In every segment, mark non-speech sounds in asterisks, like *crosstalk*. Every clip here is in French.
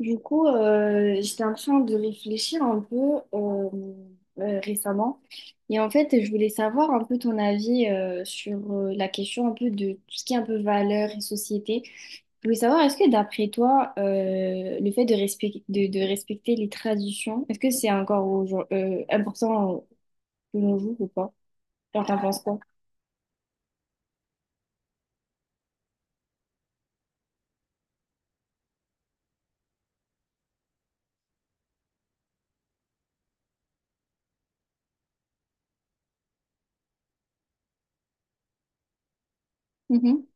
Du coup, j'étais en train de réfléchir un peu euh, récemment. Et en fait, je voulais savoir un peu ton avis sur la question un peu de tout ce qui est un peu valeurs et société. Je voulais savoir, est-ce que d'après toi, le fait de, de respecter les traditions, est-ce que c'est encore important de nos jours ou pas? Genre, t'en penses quoi? Mhm,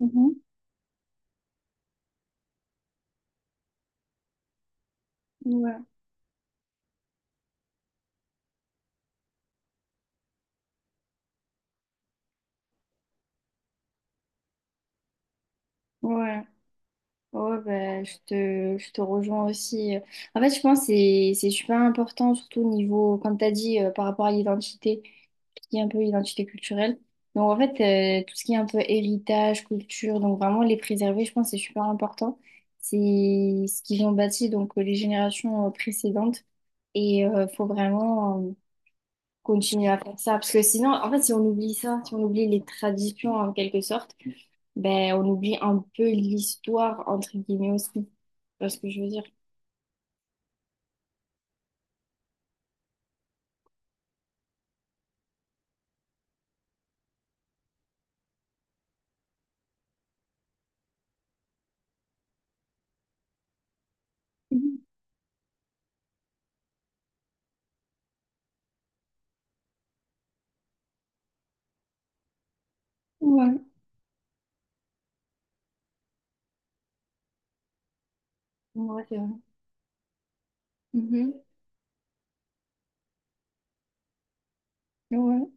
mhm, ouais, ouais. Ouais, bah, je te rejoins aussi. En fait, je pense que c'est super important, surtout au niveau, comme tu as dit, par rapport à l'identité, qui est un peu l'identité culturelle. Donc, en fait, tout ce qui est un peu héritage, culture, donc vraiment les préserver, je pense que c'est super important. C'est ce qu'ils ont bâti, donc les générations précédentes. Et faut vraiment continuer à faire ça. Parce que sinon, en fait, si on oublie ça, si on oublie les traditions en quelque sorte, ben, on oublie un peu l'histoire, entre guillemets aussi. Tu vois ce que je veux dire? Mhm. Ouais. Ouais, c'est vrai. Mhm. Ouais.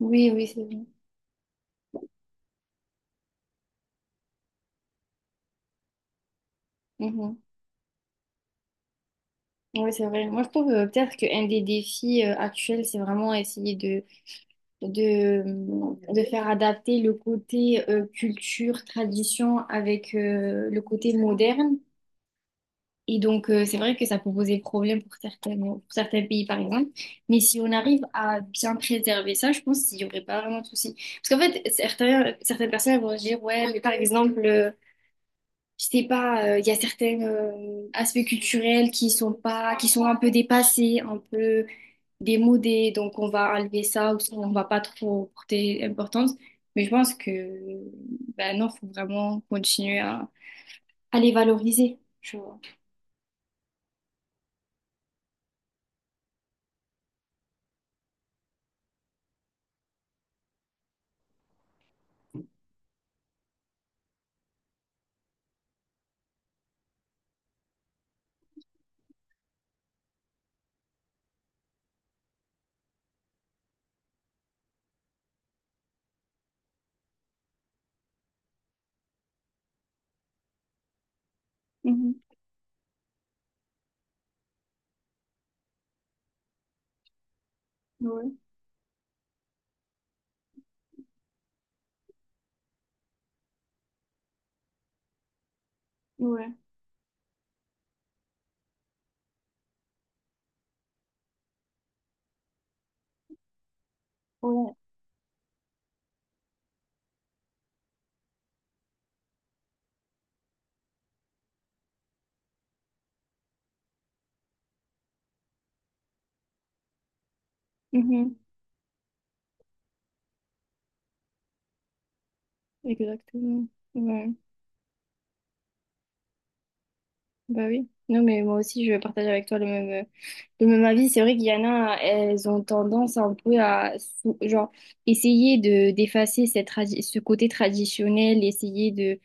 Oui, oui, c'est vrai. Mhm. Oui, c'est vrai. Moi, je trouve peut-être qu'un des défis actuels, c'est vraiment essayer de, de faire adapter le côté culture, tradition avec le côté moderne. Et donc, c'est vrai que ça peut poser problème pour certains pays, par exemple. Mais si on arrive à bien préserver ça, je pense qu'il n'y aurait pas vraiment de souci. Parce qu'en fait, certaines personnes elles vont se dire, ouais, mais par exemple, je sais pas, il y a certains aspects culturels qui sont pas, qui sont un peu dépassés, un peu démodés, donc on va enlever ça ou on va pas trop porter importance. Mais je pense que, ben non, faut vraiment continuer à les valoriser. Ouais, ouais, ouais. Mhm. Exactement. Ouais. Bah oui. Non, mais moi aussi, je partage avec toi le le même avis. C'est vrai qu'il y en a, elles ont tendance un peu à, genre, essayer d'effacer cette ce côté traditionnel, essayer de,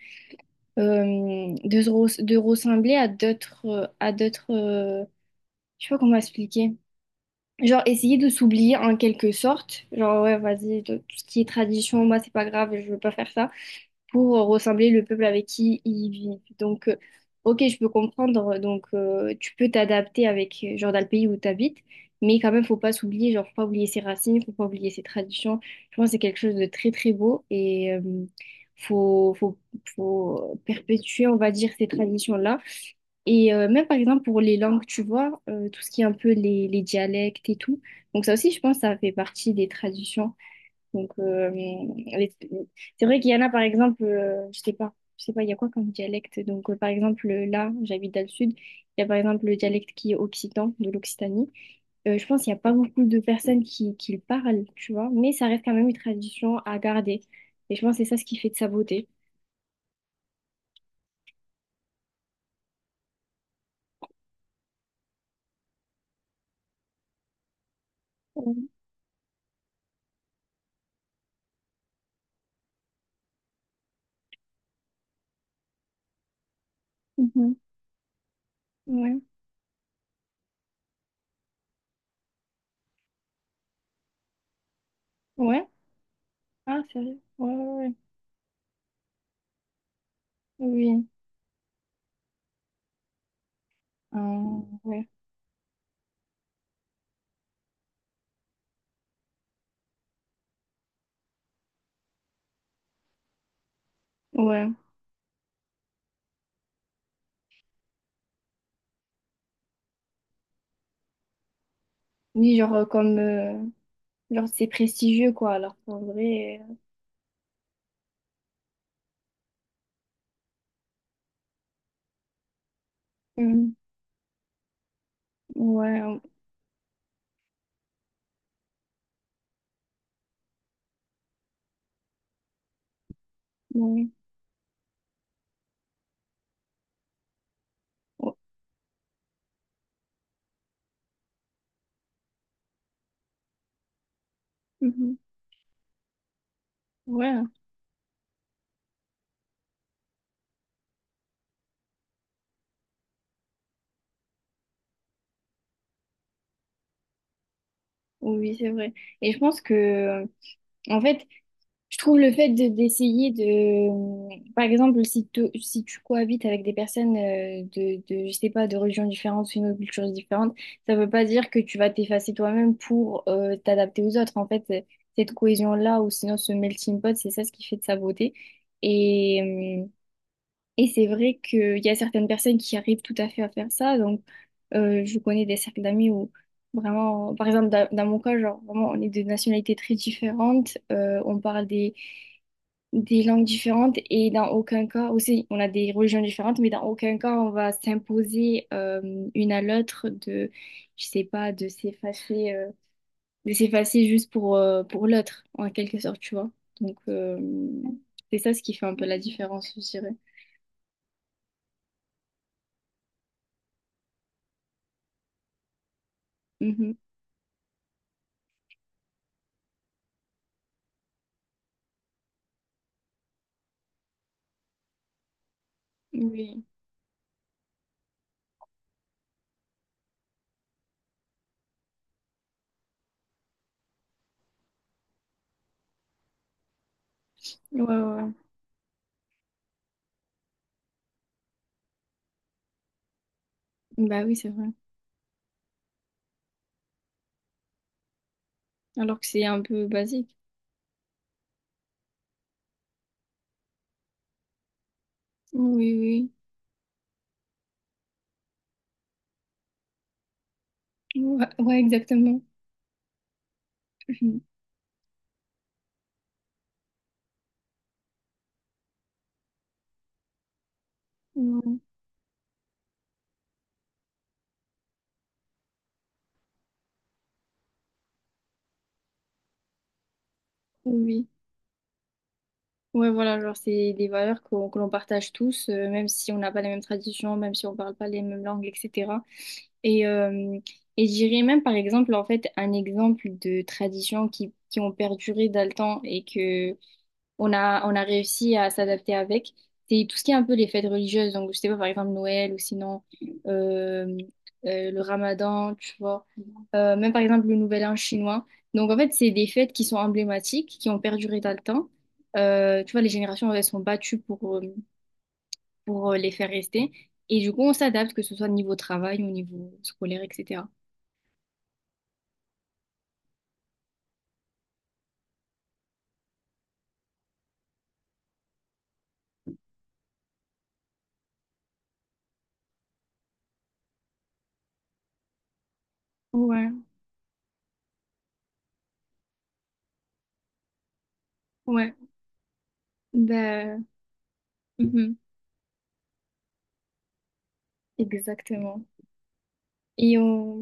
euh, de, de ressembler à d'autres, je sais pas comment expliquer. Genre, essayer de s'oublier en quelque sorte. Genre, ouais, vas-y, tout ce qui est tradition, moi, c'est pas grave, je veux pas faire ça. Pour ressembler le peuple avec qui ils vivent. Donc, ok, je peux comprendre. Donc, tu peux t'adapter avec, genre, dans le pays où tu habites, mais quand même, faut pas s'oublier, genre, faut pas oublier ses racines, faut pas oublier ses traditions. Je pense que c'est quelque chose de très, très beau et faut, faut, faut perpétuer, on va dire, ces traditions-là. Et même par exemple pour les langues, tu vois, tout ce qui est un peu les dialectes et tout. Donc ça aussi, je pense, ça fait partie des traditions. Donc, c'est vrai qu'il y en a, par exemple, je sais pas, il y a quoi comme dialecte? Donc, par exemple, là, j'habite dans le sud, il y a par exemple le dialecte qui est occitan, de l'Occitanie. Je pense qu'il n'y a pas beaucoup de personnes qui le parlent, tu vois, mais ça reste quand même une tradition à garder. Et je pense que c'est ça ce qui fait de sa beauté. Ouais. Mhm. Ouais. Ouais. Ah, sérieux? Ouais, ouais, ouais. Oui. Ah, ouais. Ouais. Oui, genre, comme, genre, c'est prestigieux, quoi, alors qu'en vrai. Mm. Ouais. Oui. Oh, mhm. Ouais. Hein. Oui, oui, c'est vrai. Et je pense que, en fait, je trouve le fait de d'essayer mmh, par exemple, si tu cohabites avec des personnes je sais pas, de religions différentes, une culture différente, ça veut pas dire que tu vas t'effacer toi-même pour t'adapter aux autres. En fait, cette cohésion-là, ou sinon ce melting pot, c'est ça ce qui fait de sa beauté. Et, mmh, et c'est vrai qu'il y a certaines personnes qui arrivent tout à fait à faire ça. Donc, je connais des cercles d'amis où vraiment, par exemple, dans mon cas, genre, vraiment, on est de nationalités très différentes, on parle des langues différentes et dans aucun cas, aussi, on a des religions différentes, mais dans aucun cas, on va s'imposer une à l'autre de, je sais pas, de s'effacer juste pour l'autre, en quelque sorte, tu vois. Donc, c'est ça ce qui fait un peu la différence, je dirais. Mhm. Oui. Ouais, ouais. Ouais. Bah oui, c'est vrai. Alors que c'est un peu basique. Oui, oui. Ouais, ouais, exactement. *laughs* Mhm. Ouais. Oui. Ouais, voilà, genre c'est des valeurs qu'on que l'on partage tous, même si on n'a pas les mêmes traditions, même si on parle pas les mêmes langues, etc. Et, euh, et je dirais même, par exemple, en fait, un exemple de tradition qui ont perduré dans le temps et que on a réussi à s'adapter avec. C'est tout ce qui est un peu les fêtes religieuses. Donc, je sais pas, par exemple, Noël ou sinon euh, le Ramadan, tu vois. Même par exemple, le Nouvel An chinois. Donc, en fait, c'est des fêtes qui sont emblématiques, qui ont perduré dans le temps. Tu vois, les générations, elles sont battues pour les faire rester. Et du coup, on s'adapte, que ce soit au niveau travail, au niveau scolaire, etc. Ouais, ouais, ben, mhm, exactement. Et on,